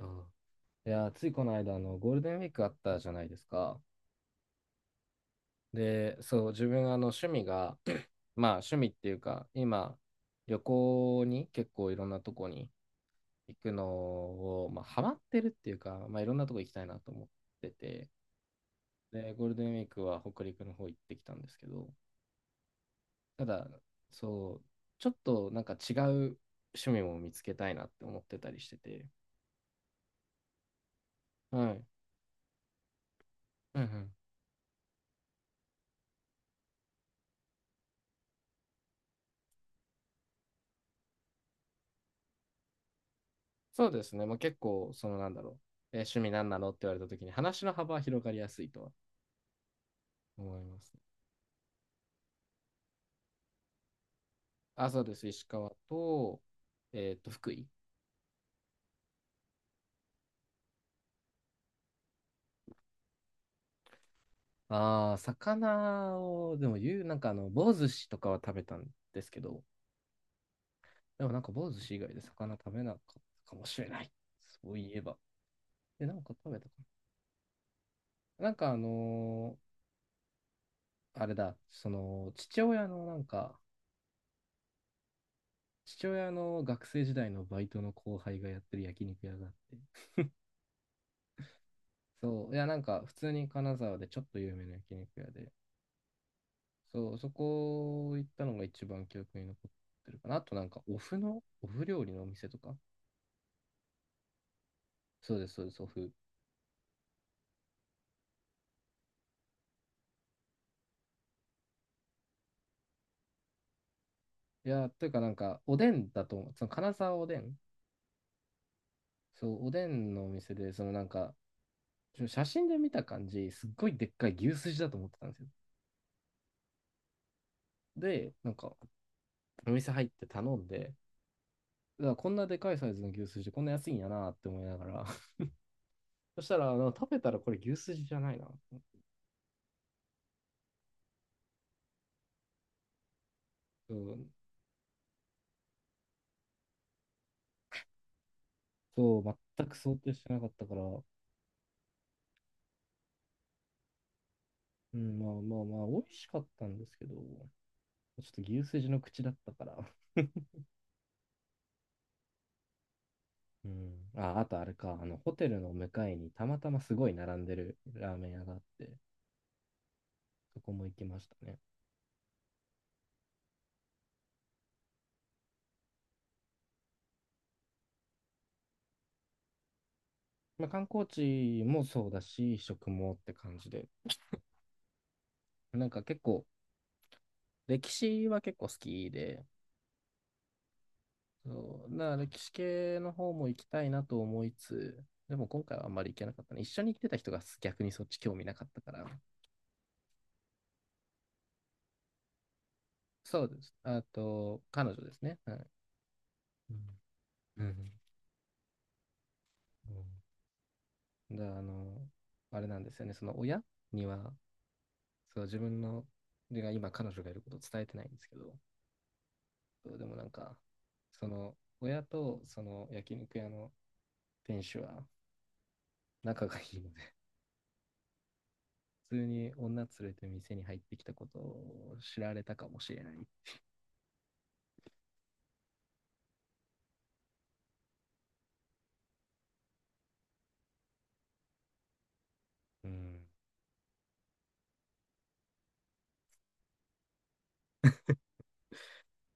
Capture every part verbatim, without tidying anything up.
あいやー、ついこの間、あの、ゴールデンウィークあったじゃないですか。で、そう、自分、あの、趣味が、まあ、趣味っていうか、今、旅行に結構いろんなとこに行くのを、まあ、ハマってるっていうか、まあ、いろんなとこ行きたいなと思ってて、で、ゴールデンウィークは北陸の方行ってきたんですけど、ただ、そう、ちょっとなんか違う趣味も見つけたいなって思ってたりしてて、はい。うんうん、そうですね。もう結構、その、なんだろう。えー趣味なんなのって言われたときに話の幅は広がりやすいとは思います。あ、そうです。石川と、えっと、福井。ああ、魚を、でも言う、なんかあの、棒寿司とかは食べたんですけど、でもなんか棒寿司以外で魚食べなかったかもしれない。そういえば。え、なんか食べたかな。なんかあのーあれだ、その、父親のなんか、父親の学生時代のバイトの後輩がやってる焼肉屋があって、そう、いや、なんか、普通に金沢でちょっと有名な焼肉屋で、そう、そこ行ったのが一番記憶に残ってるかな。あと、なんか、お麩の、お麩料理のお店とか。そうです、そうです、お麩。いや、というか、なんか、おでんだと思う。その金沢おでん。そう、おでんのお店で、そのなんか、ちょ写真で見た感じ、すっごいでっかい牛すじだと思ってたんですよ。で、なんか、お店入って頼んで、うわ、こんなでかいサイズの牛すじ、こんな安いんやなって思いながら、そしたら、あの食べたらこれ牛すじじゃないな。うん、そう、全く想定してなかったから、うん、まあまあまあ、美味しかったんですけど、ちょっと牛すじの口だったから、うん。あ、あとあれか、あの、ホテルの向かいにたまたますごい並んでるラーメン屋があって、そこも行きましたね。まあ、観光地もそうだし、食もって感じで、なんか結構、歴史は結構好きで、そうな歴史系の方も行きたいなと思いつつ、でも今回はあんまり行けなかったね。一緒に行ってた人が逆にそっち興味なかったから、そうです。あと、彼女ですね。はい。うん。うん。で、あの、あれなんですよね。その親には、そう、自分の、自分が今彼女がいることを伝えてないんですけど、そう。でもなんか、その、親とその焼肉屋の店主は仲がいいので、普通に女連れて店に入ってきたことを知られたかもしれない。うん。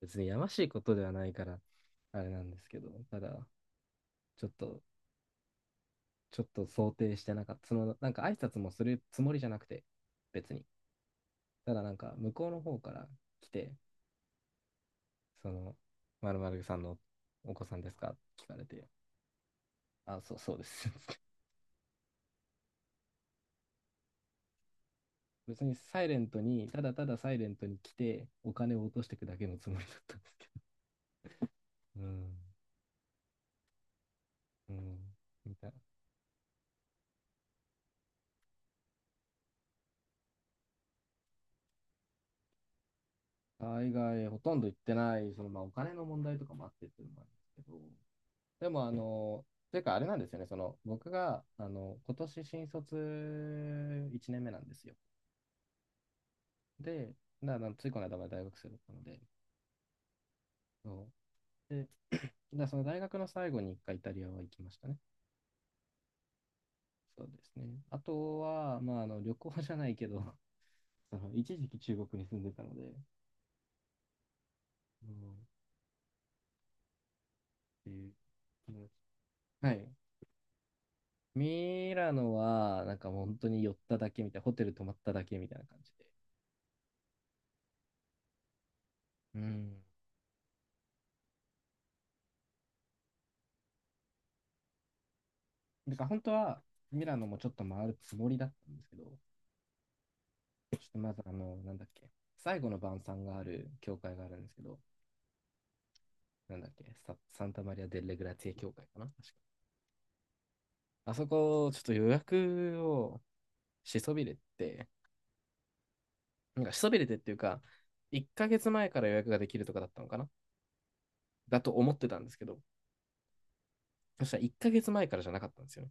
別にやましいことではないから、あれなんですけど、ただ、ちょっとちょっと想定してなかった。その、なんか挨拶もするつもりじゃなくて、別に。ただなんか、向こうの方から来て、その、丸るさんのお子さんですか？聞かれて、あ、そう、そうです。別にサイレントに、ただただサイレントに来て、お金を落としていくだけのつもりだったんですけど。うん、うん、みたいな。海外ほとんど行ってない、その、まあ、お金の問題とかもあってっていうのもあるんですけど、でも、あの、というか、あれなんですよね、その、僕が、あの、今年新卒いちねんめなんですよ。で、だからついこの間まで大学生だったので、そうで、だその大学の最後に一回イタリアは行きましたね。そうですね。あとは、まあ、あの、旅行じゃないけど、その一時期中国に住んでたので、うんっていう、うん、はい。ミラノは、なんかもう本当に寄っただけみたいな、ホテル泊まっただけみたいな感じで。うん。だから本当はミラノもちょっと回るつもりだったんですけど、ちょっとまずあの、なんだっけ、最後の晩餐がある教会があるんですけど、なんだっけ、ササンタマリア・デ・レグラツィエ教会かな、確か。あそこ、ちょっと予約をしそびれて、なんかしそびれてっていうか、いっかげつまえから予約ができるとかだったのかな、だと思ってたんですけど、そしたらいっかげつまえからじゃなかったんですよ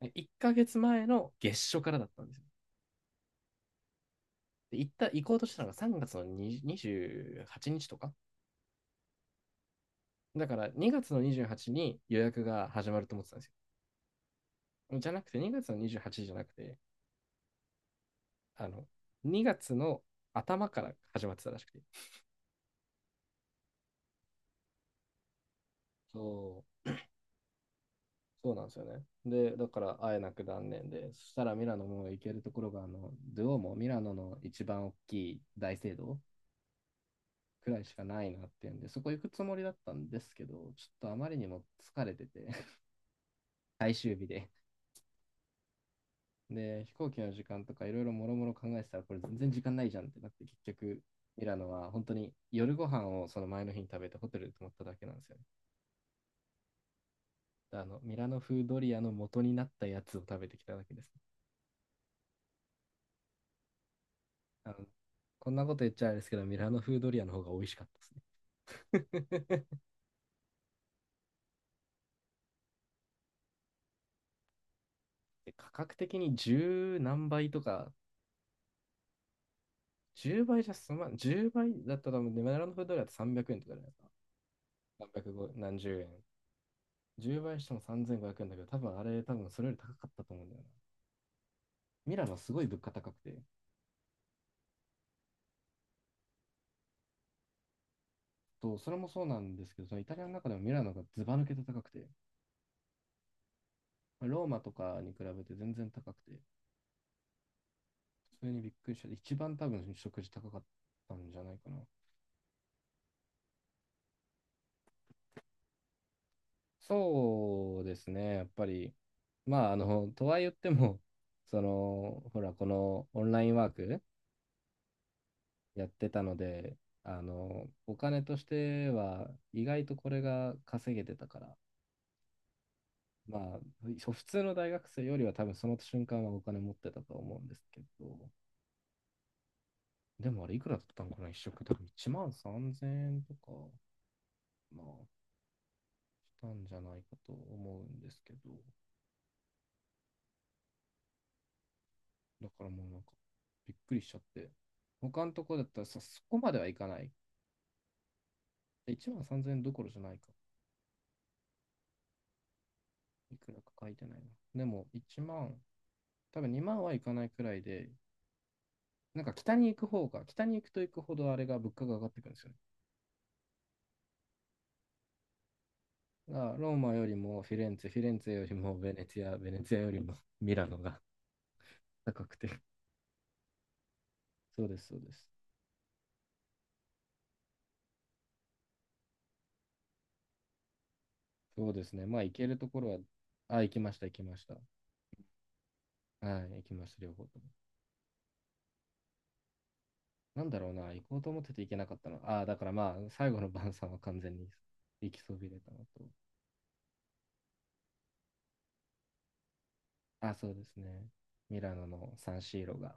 ね。いっかげつまえの月初からだったんですよ。で、行った、行こうとしたのがさんがつのにじゅう、 にじゅうはちにちとかだから、にがつのにじゅうはちにちにちに予約が始まると思ってたんですよ。じゃなくてにがつのにじゅうはちにちじゃなくて、あの、にがつの頭から始まってたらしくて。そう、そうなんですよね。で、だから会えなく断念で、そしたらミラノも行けるところが、あの、ドゥオもミラノの一番大きい大聖堂くらいしかないなっていうんで、そこ行くつもりだったんですけど、ちょっとあまりにも疲れてて、最終日で、で、飛行機の時間とかいろいろもろもろ考えてたら、これ全然時間ないじゃんってなって、結局、ミラノは本当に夜ご飯をその前の日に食べてホテルで泊まっただけなんですよね。で、あの、ミラノ風ドリアの元になったやつを食べてきただけですね。あの、こんなこと言っちゃあれですけど、ミラノ風ドリアの方が美味しかったですね。で、価格的にじゅうなんばいとか、じゅうばいじゃ済まん、じゅうばいだったら多分、ミラノ風ドリアってさんびゃくえんとかじゃないですか。さんびゃくごじゅう、なんじゅうえん。じゅうばいしてもさんぜんごひゃくえんだけど、多分あれ、多分それより高かったと思うんだよな。ミラノはすごい物価高くて、とそれもそうなんですけど、そのイタリアの中でもミラノがずば抜けて高くて、まあローマとかに比べて全然高くて、それにびっくりして、一番多分食事高かったんじゃないかな。そうですね、やっぱり、まあ、あの、とは言っても、その、ほら、このオンラインワークやってたので、あの、お金としては意外とこれが稼げてたから、まあ、そ普通の大学生よりは多分その瞬間はお金持ってたと思うんですけど、でもあれいくらだったのかな、いっしょく多分いちまんさんぜんえんとか、まあ、したんじゃないかと思うんですけど、だからもうなんか、びっくりしちゃって、他のとこだったらさ、そこまではいかない。いちまんさんぜんえんどころじゃないか。いくらか書いてないな。でもいちまん、多分にまんはいかないくらいで、なんか北に行く方が、北に行くと行くほどあれが物価が上がってくるんですよね。あ、ローマよりもフィレンツェ、フィレンツェよりもベネツィア、ベネツィアよりもミラノが高くて。そうです、そうです。そうですね。まあ、行けるところは、あ、行きました、行きました。はい、行きました、両方とも。なんだろうな、行こうと思ってて行けなかったの。ああ、だからまあ、最後の晩餐は完全に行きそびれたのと。あ、そうですね。ミラノのサンシーロが、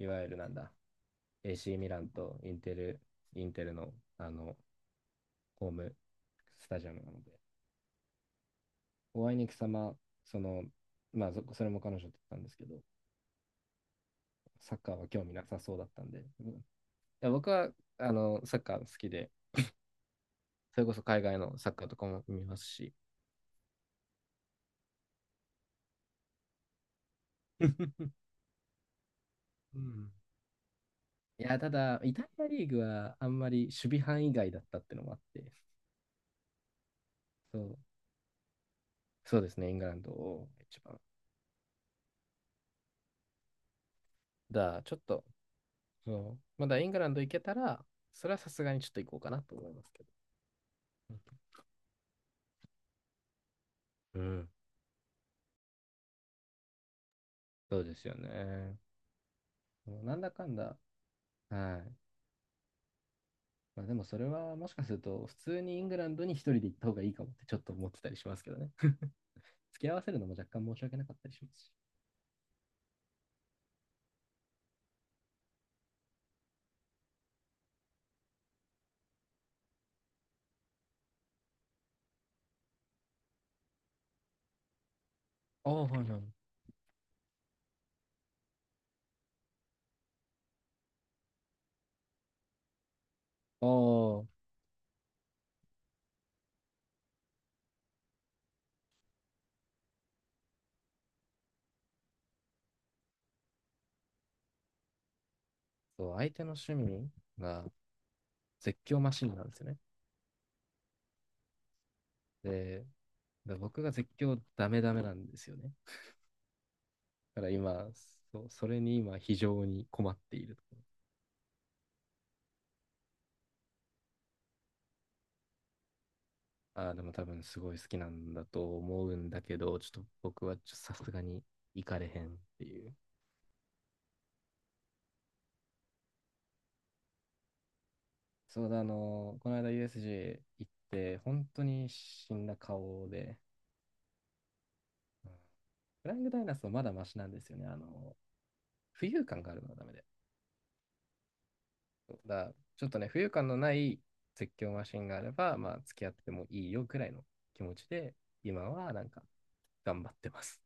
いわゆるなんだ、エーシー ミランとインテル、インテルの、あの、ホームスタジアムなので。お会いに行く様、その、まあ、そそれも彼女だったんですけど、サッカーは興味なさそうだったんで、うん、いや、僕はあのサッカー好きで、それこそ海外のサッカーとかも見ますし、うん。いや、ただ、イタリアリーグはあんまり守備範囲外だったってのもあって、そう、そうですね、イングランドを一番。だから、ちょっと、そう、まだイングランド行けたら、それはさすがにちょっと行こうかなと思いますけど。うん。そうですよね。もうなんだかんだ、はい。まあ、でもそれはもしかすると普通にイングランドに一人で行った方がいいかもってちょっと思ってたりしますけどね。付き合わせるのも若干申し訳なかったりしますし。ああ、はいはい。ああ、そう、相手の趣味が絶叫マシンなんですよね。で、で僕が絶叫ダメダメなんですよね。だから今、そう、それに今非常に困っているところ。ああ、でも多分すごい好きなんだと思うんだけど、ちょっと僕はちょさすがに行かれへんっていう。そうだ、あの、この間 U S G 行って、本当に死んだ顔で、うん。フライングダイナソーまだマシなんですよね。あの、浮遊感があるのはダメで。そうだから、ちょっとね、浮遊感のない絶叫マシンがあれば、まあ、付き合ってもいいよくらいの気持ちで、今はなんか頑張ってます。